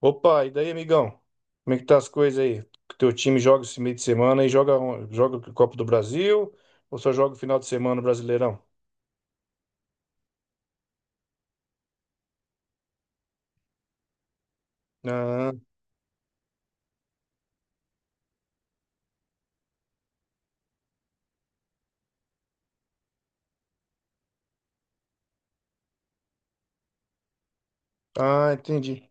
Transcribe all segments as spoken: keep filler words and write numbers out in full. Opa, e daí, amigão? Como é que tá as coisas aí? O Teu time joga esse meio de semana e joga, on- joga o Copa do Brasil ou só joga o final de semana no Brasileirão? Ah, ah, entendi.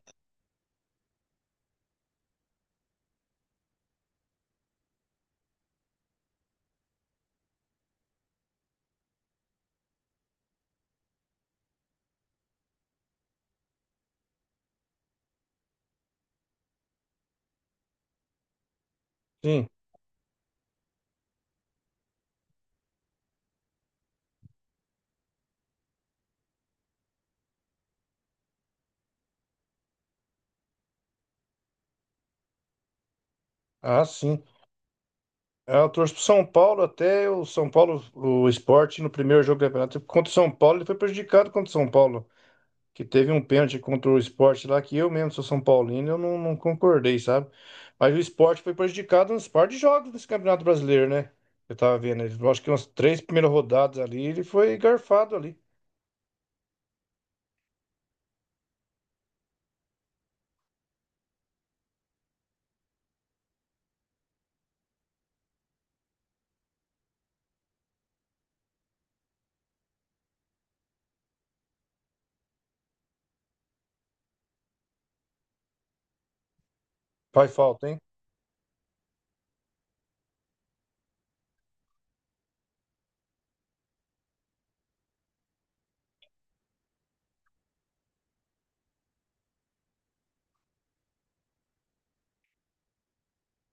Sim. Ah, sim. Ah, eu torço pro São Paulo até o São Paulo, o Sport, no primeiro jogo do campeonato contra o São Paulo, ele foi prejudicado contra o São Paulo, que teve um pênalti contra o Sport lá, que eu mesmo sou São Paulino, eu não, não concordei, sabe? Mas o Sport foi prejudicado nos par de jogos desse Campeonato Brasileiro, né? Eu tava vendo, eu acho que umas três primeiras rodadas ali, ele foi garfado ali. Faz falta, hein?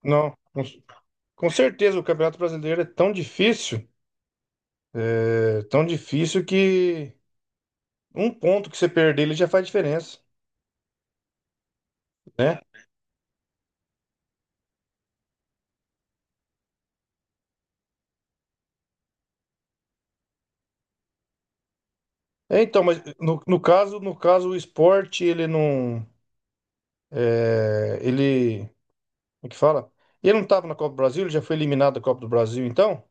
Não, com, com certeza o Campeonato Brasileiro é tão difícil, é, tão difícil que um ponto que você perder ele já faz diferença, né? É, então, mas no, no caso, no caso o Sport, ele não, é, ele... O que fala? Ele não estava na Copa do Brasil, ele já foi eliminado da Copa do Brasil, então?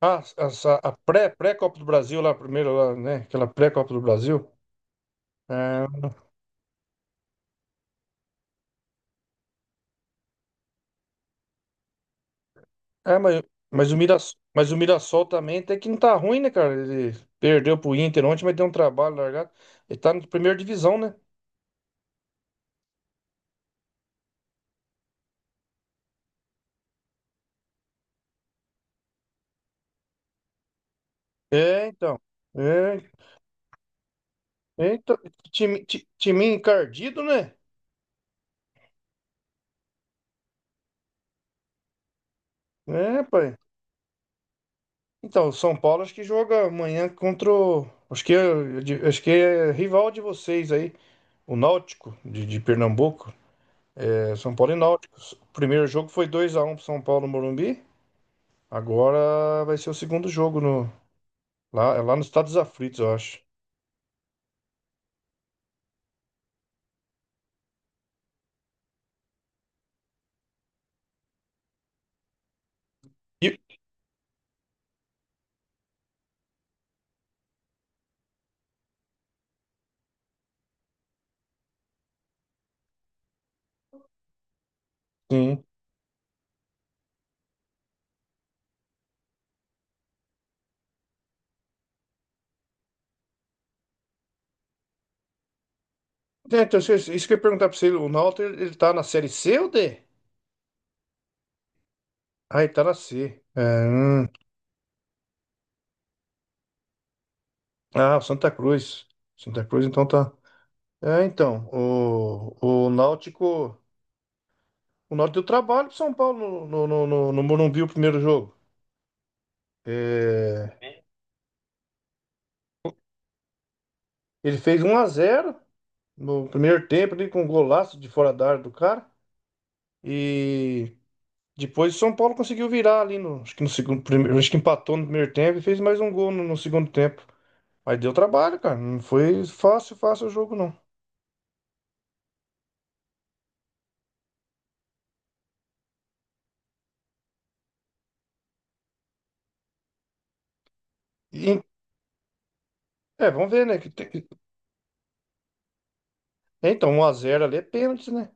Ah, essa, a pré, pré-Copa do Brasil lá, primeiro lá, né? Aquela pré-Copa do Brasil. Ah, é, mas, mas o Mirassol, mas o Mirassol também até que não tá ruim, né, cara? Ele perdeu pro Inter ontem, mas deu um trabalho largado. Ele tá na primeira divisão, né? É, então. É, então, time, ti- time encardido, né? É, pai. Então, o São Paulo acho que joga amanhã contra o... Acho que é, de- acho que é rival de vocês aí, o Náutico de, de Pernambuco, é, São Paulo e Náutico. O primeiro jogo foi dois a um pro São Paulo no Morumbi. Agora vai ser o segundo jogo no, lá, é lá nos Estados Aflitos, eu acho. E, sim. É, então, isso, isso que eu ia perguntar pra você, o Náutico ele, ele tá na série C ou D? Ah, ele tá na C. É, hum. Ah, o Santa Cruz. Santa Cruz, então tá. É, então, o, o Náutico. O Náutico deu trabalho pro São Paulo no, no, no, no, Morumbi o primeiro jogo. É, ele fez um a zero. No primeiro tempo ali com um golaço de fora da área do cara. E depois o São Paulo conseguiu virar ali no, acho que no segundo, primeiro, acho que empatou no primeiro tempo e fez mais um gol no, no segundo tempo. Mas deu trabalho, cara. Não foi fácil, fácil o jogo, não. E- é, vamos ver, né? que tem- então, um a zero ali é pênalti, né?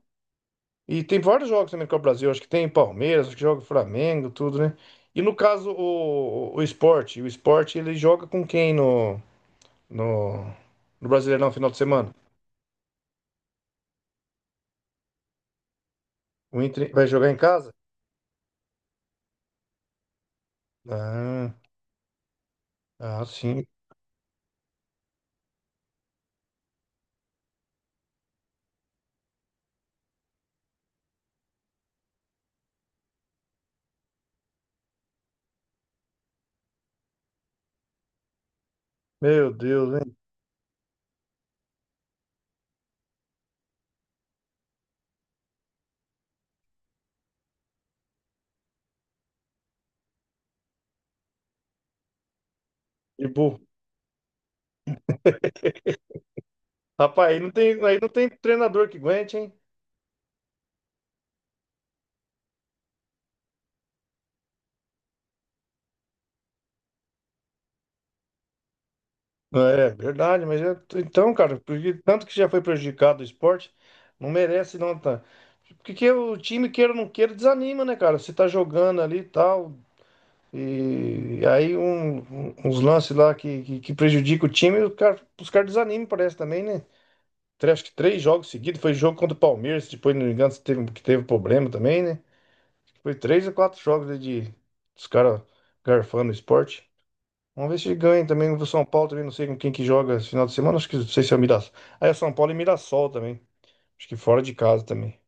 E tem vários jogos também com o Brasil. Acho que tem Palmeiras, acho que joga Flamengo, tudo, né? E no caso, o, o Sport. O Sport, ele joga com quem no, no, no Brasileirão final de semana? O Inter vai jogar em casa? Ah, ah, sim. Meu Deus, hein? Que burro. Rapaz, aí não tem, aí não tem treinador que aguente, hein? É verdade, mas é- então, cara, porque tanto que já foi prejudicado o esporte, não merece não, tá? Porque que o time, queira ou não queira, desanima, né, cara? Você tá jogando ali e tal, e aí um- um- uns lances lá que, que, que prejudica o time, o cara, os caras desanimam, parece também, né? Tre- Acho que três jogos seguidos, foi jogo contra o Palmeiras, depois, não me engano, se teve, que teve problema também, né? Foi três ou quatro jogos aí de dos caras garfando o esporte. Vamos ver se ganha também. O São Paulo também, não sei com quem que joga esse final de semana. Acho que não sei se é o Mirassol. Ah, é São Paulo e Mirassol também. Acho que fora de casa também.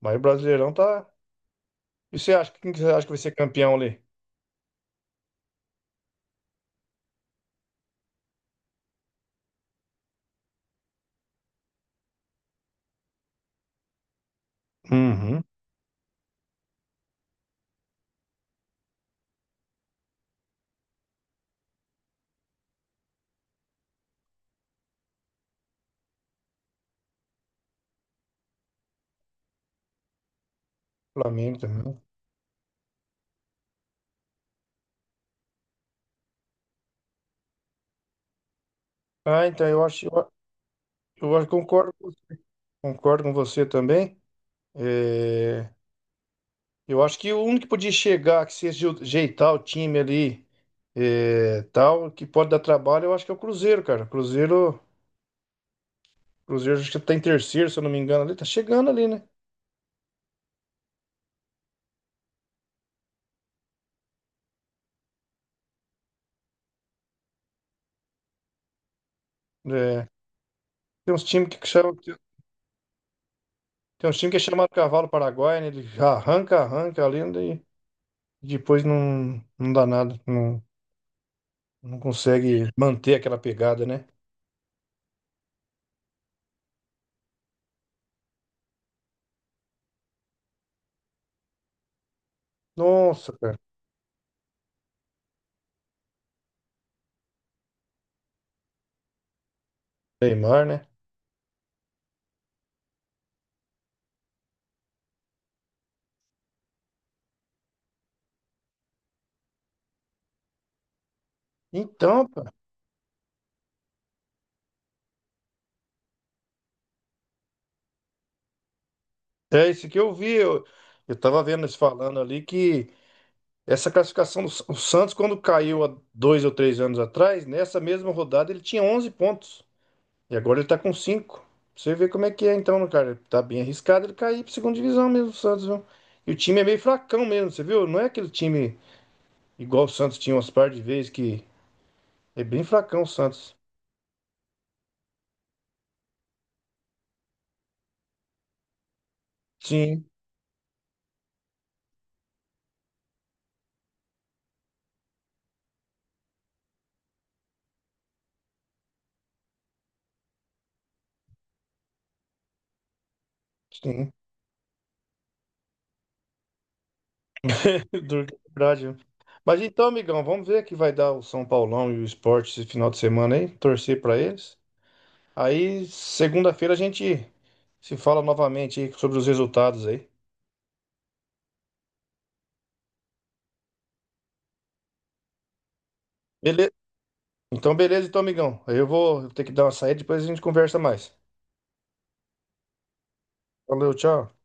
Mas o Brasileirão tá. E você acha? Quem que você acha que vai ser campeão ali? Uhum. Flamengo também. Ah, então eu acho, eu, eu acho- concordo, com- concordo com você também. É, eu acho que o único que podia chegar, que se ajeitar o time ali, é, tal, que pode dar trabalho, eu acho que é o Cruzeiro, cara. Cruzeiro, Cruzeiro acho que tá em terceiro, se eu não me engano, ali, tá chegando ali, né? É, tem uns times que chamam, tem uns times que é chamado Cavalo Paraguai, né? Ele arranca, arranca ali, né? E depois não, não dá nada, não, não consegue manter aquela pegada, né? Nossa, cara, Neymar, né? Então, pá, é isso que eu vi, eu, eu tava vendo eles falando ali que... Essa classificação do S- o Santos, quando caiu há dois ou três anos atrás, nessa mesma rodada ele tinha onze pontos. E agora ele tá com cinco. Você vê como é que é então, né, cara. Tá bem arriscado ele cair pra segunda divisão mesmo, o Santos, viu? E o time é meio fracão mesmo, você viu? Não é aquele time igual o Santos tinha umas par de vezes que é bem fracão o Santos. Sim, sim. Duro que é verdade, viu? Mas então, amigão, vamos ver que vai dar o São Paulão e o Sport esse final de semana aí. Torcer pra eles. Aí, segunda-feira a gente se fala novamente aí sobre os resultados aí. Beleza? Então, beleza, então, amigão. Aí eu vou ter que dar uma saída, depois a gente conversa mais. Valeu, tchau.